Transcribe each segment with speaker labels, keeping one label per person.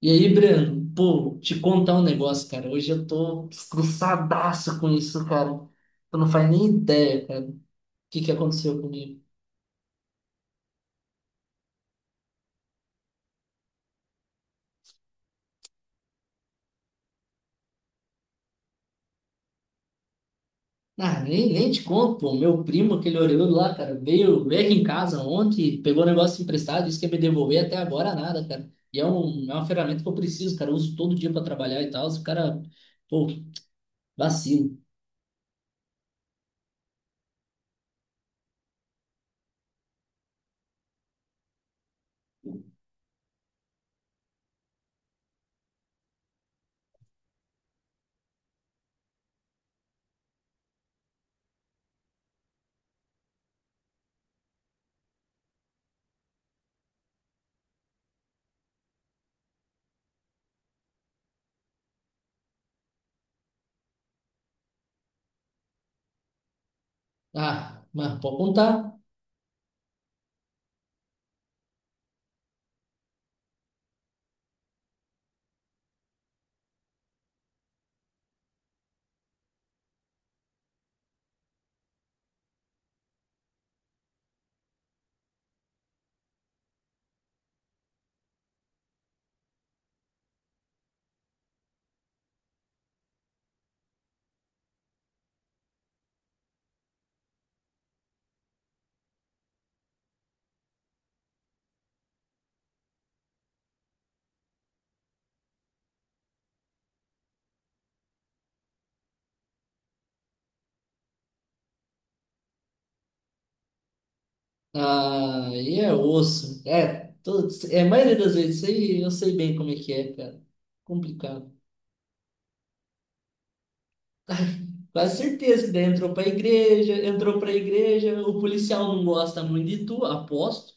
Speaker 1: E aí, Breno, pô, te contar um negócio, cara. Hoje eu tô estressadaço com isso, cara. Tu não faz nem ideia, cara, o que aconteceu comigo. Ah, nem te conto, pô. Meu primo, aquele orelhudo lá, cara, veio aqui em casa ontem, pegou o negócio emprestado, disse que ia me devolver, até agora nada, cara. É uma ferramenta que eu preciso, cara. Eu uso todo dia pra trabalhar e tal. O cara, pô, vacilo. Ah, mas pode contar. Ah, e é osso. A maioria das vezes, isso aí eu sei bem como é que é, cara. Complicado. Quase certeza que daí entrou pra igreja, o policial não gosta muito de tu, aposto,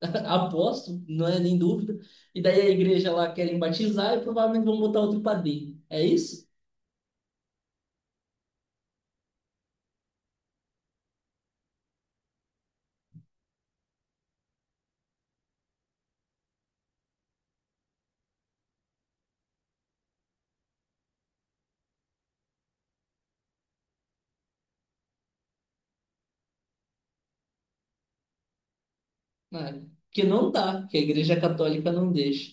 Speaker 1: aposto, não é nem dúvida. E daí a igreja lá querem batizar e provavelmente vão botar outro padrinho. É isso? Ah, que não dá, que a igreja católica não deixa.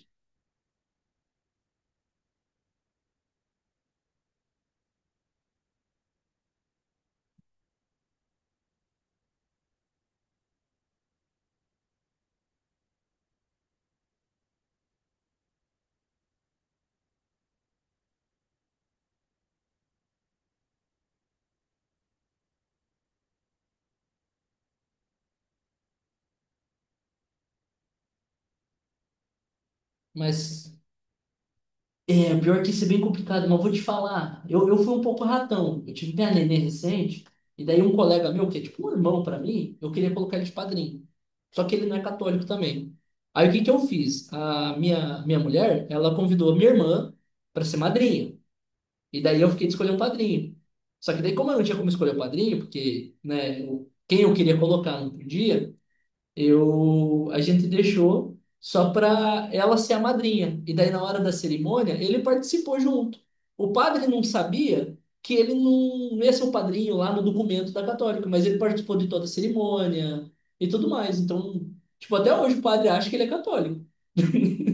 Speaker 1: Mas É, pior que isso é bem complicado, mas vou te falar. Eu fui um pouco ratão. Eu tive minha neném recente, e daí um colega meu, que é tipo um irmão pra mim, eu queria colocar ele de padrinho. Só que ele não é católico também. Aí o que eu fiz? A minha mulher, ela convidou a minha irmã pra ser madrinha. E daí eu fiquei de escolher um padrinho. Só que daí, como eu não tinha como escolher o padrinho, porque, né, quem eu queria colocar não podia, a gente deixou só para ela ser a madrinha. E daí, na hora da cerimônia, ele participou junto. O padre não sabia que ele não ia ser o padrinho lá no documento da católica, mas ele participou de toda a cerimônia e tudo mais. Então, tipo, até hoje o padre acha que ele é católico.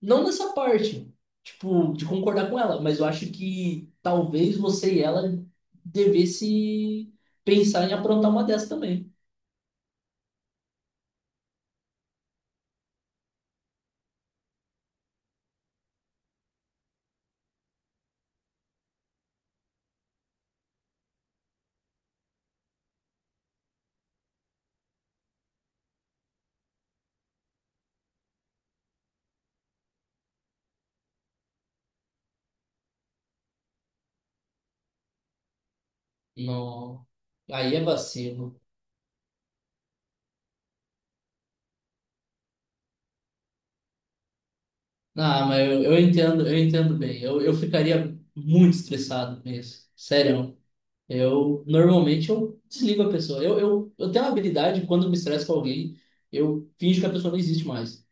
Speaker 1: Não nessa parte, tipo, de concordar com ela, mas eu acho que talvez você e ela devesse pensar em aprontar uma dessa também. Não. Aí é vacilo. Ah, mas eu entendo, eu entendo bem. Eu ficaria muito estressado mesmo. Sério. Eu normalmente eu desligo a pessoa. Eu tenho uma habilidade, quando eu me estresso com alguém, eu finjo que a pessoa não existe mais.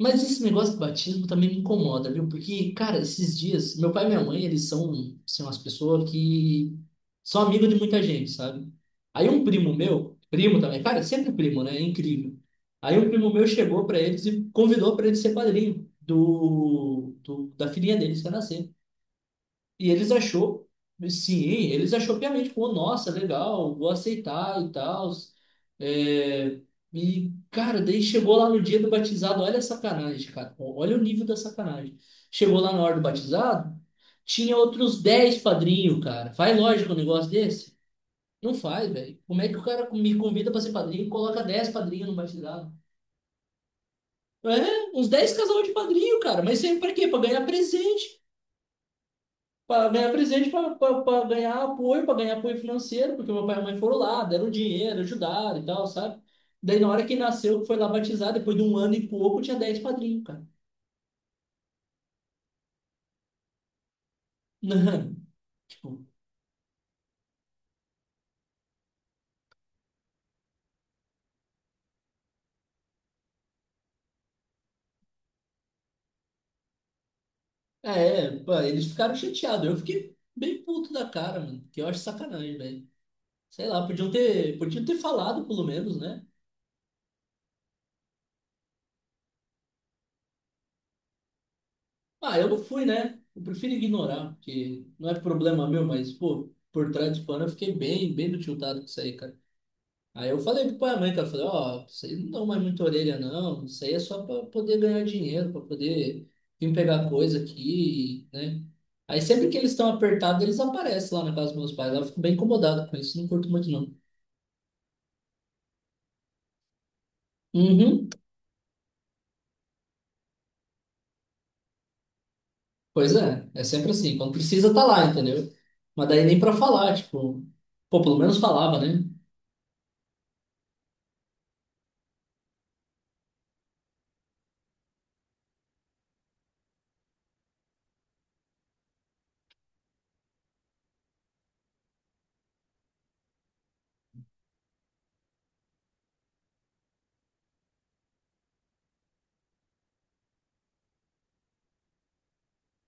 Speaker 1: Mas esse negócio do batismo também me incomoda, viu? Porque, cara, esses dias, meu pai e minha mãe, eles são umas pessoas que são amigos de muita gente, sabe? Aí um primo meu, primo também, cara, sempre primo, né? É incrível. Aí um primo meu chegou pra eles e convidou pra ele ser padrinho da filhinha deles que ia nascer. E eles achou, sim, eles achou piamente, pô, nossa, legal, vou aceitar e tal. É, e, cara, daí chegou lá no dia do batizado, olha a sacanagem, cara, olha o nível da sacanagem. Chegou lá na hora do batizado, tinha outros 10 padrinhos, cara. Faz lógico um negócio desse? Não faz, velho. Como é que o cara me convida pra ser padrinho e coloca 10 padrinhos no batizado? É, uns 10 casal de padrinho, cara, mas sempre pra quê? Pra ganhar presente. Para ganhar apoio, financeiro, porque meu pai e minha mãe foram lá, deram dinheiro, ajudaram e tal, sabe? Daí, na hora que nasceu, que foi lá batizar, depois de um ano e pouco, tinha 10 padrinhos, cara. Não, tipo, é, Pô, eles ficaram chateados. Eu fiquei bem puto da cara, mano, que eu acho sacanagem, velho. Sei lá, podiam ter falado, pelo menos, né? Ah, eu não fui, né? Eu prefiro ignorar, porque não é problema meu, mas, pô, por trás do pano eu fiquei bem tiltado com isso aí, cara. Aí eu falei pro pai e mãe, cara, eu falei, ó, isso aí não dá mais muita orelha, não. Isso aí é só para poder ganhar dinheiro, para poder vir pegar coisa aqui, né? Aí sempre que eles estão apertados, eles aparecem lá na casa dos meus pais. Aí eu fico bem incomodado com isso, não curto muito, não. Uhum. Pois é, é sempre assim. Quando precisa, tá lá, entendeu? Mas daí nem para falar, tipo, pô, pelo menos falava, né?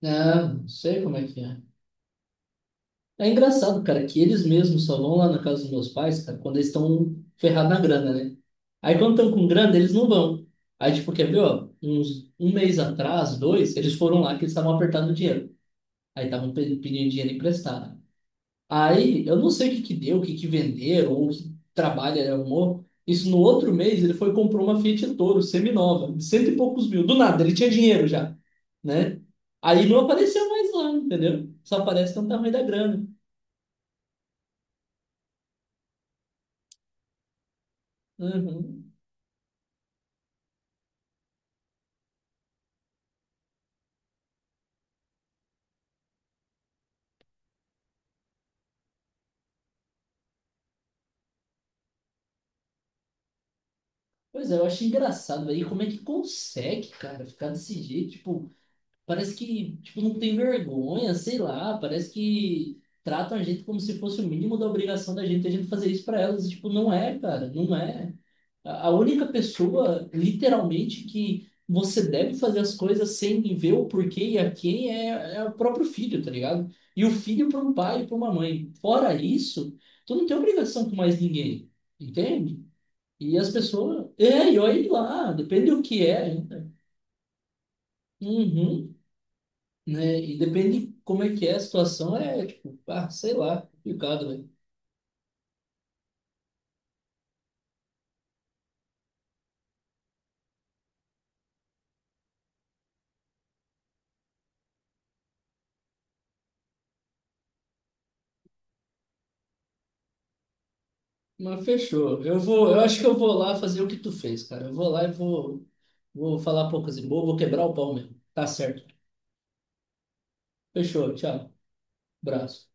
Speaker 1: Não, não sei como é que é. É engraçado, cara, que eles mesmos só vão lá na casa dos meus pais, cara, quando eles estão ferrados na grana, né? Aí quando estão com grana, eles não vão. Aí, tipo, quer ver, ó, uns um mês atrás, dois, eles foram lá que eles estavam apertando o dinheiro. Aí estavam pedindo dinheiro emprestado. Aí, eu não sei o que deu, o que venderam, ou o que trabalho ele arrumou. Isso no outro mês, ele foi e comprou uma Fiat Toro, seminova, de cento e poucos mil. Do nada, ele tinha dinheiro já, né? Aí não apareceu mais lá, entendeu? Só aparece quando tá ruim da grana. Uhum. Pois é, eu acho engraçado, velho. E como é que consegue, cara, ficar desse jeito? Tipo, parece que, tipo, não tem vergonha, sei lá, parece que tratam a gente como se fosse o mínimo da obrigação da gente, a gente fazer isso para elas. E, tipo, não é, cara, não é. A única pessoa, literalmente, que você deve fazer as coisas sem ver o porquê e a quem é, é o próprio filho, tá ligado? E o filho para um pai e para uma mãe. Fora isso, tu não tem obrigação com mais ninguém, entende? E as pessoas. É, e olha lá, depende do que é ainda. Uhum, né? E depende de como é que é a situação, é tipo, ah, sei lá, complicado, velho. Mas fechou. Eu vou, eu acho que eu vou lá fazer o que tu fez, cara. Eu vou lá e vou, Vou falar poucas e boas, vou quebrar o pau mesmo. Tá certo. Fechou, tchau. Abraço.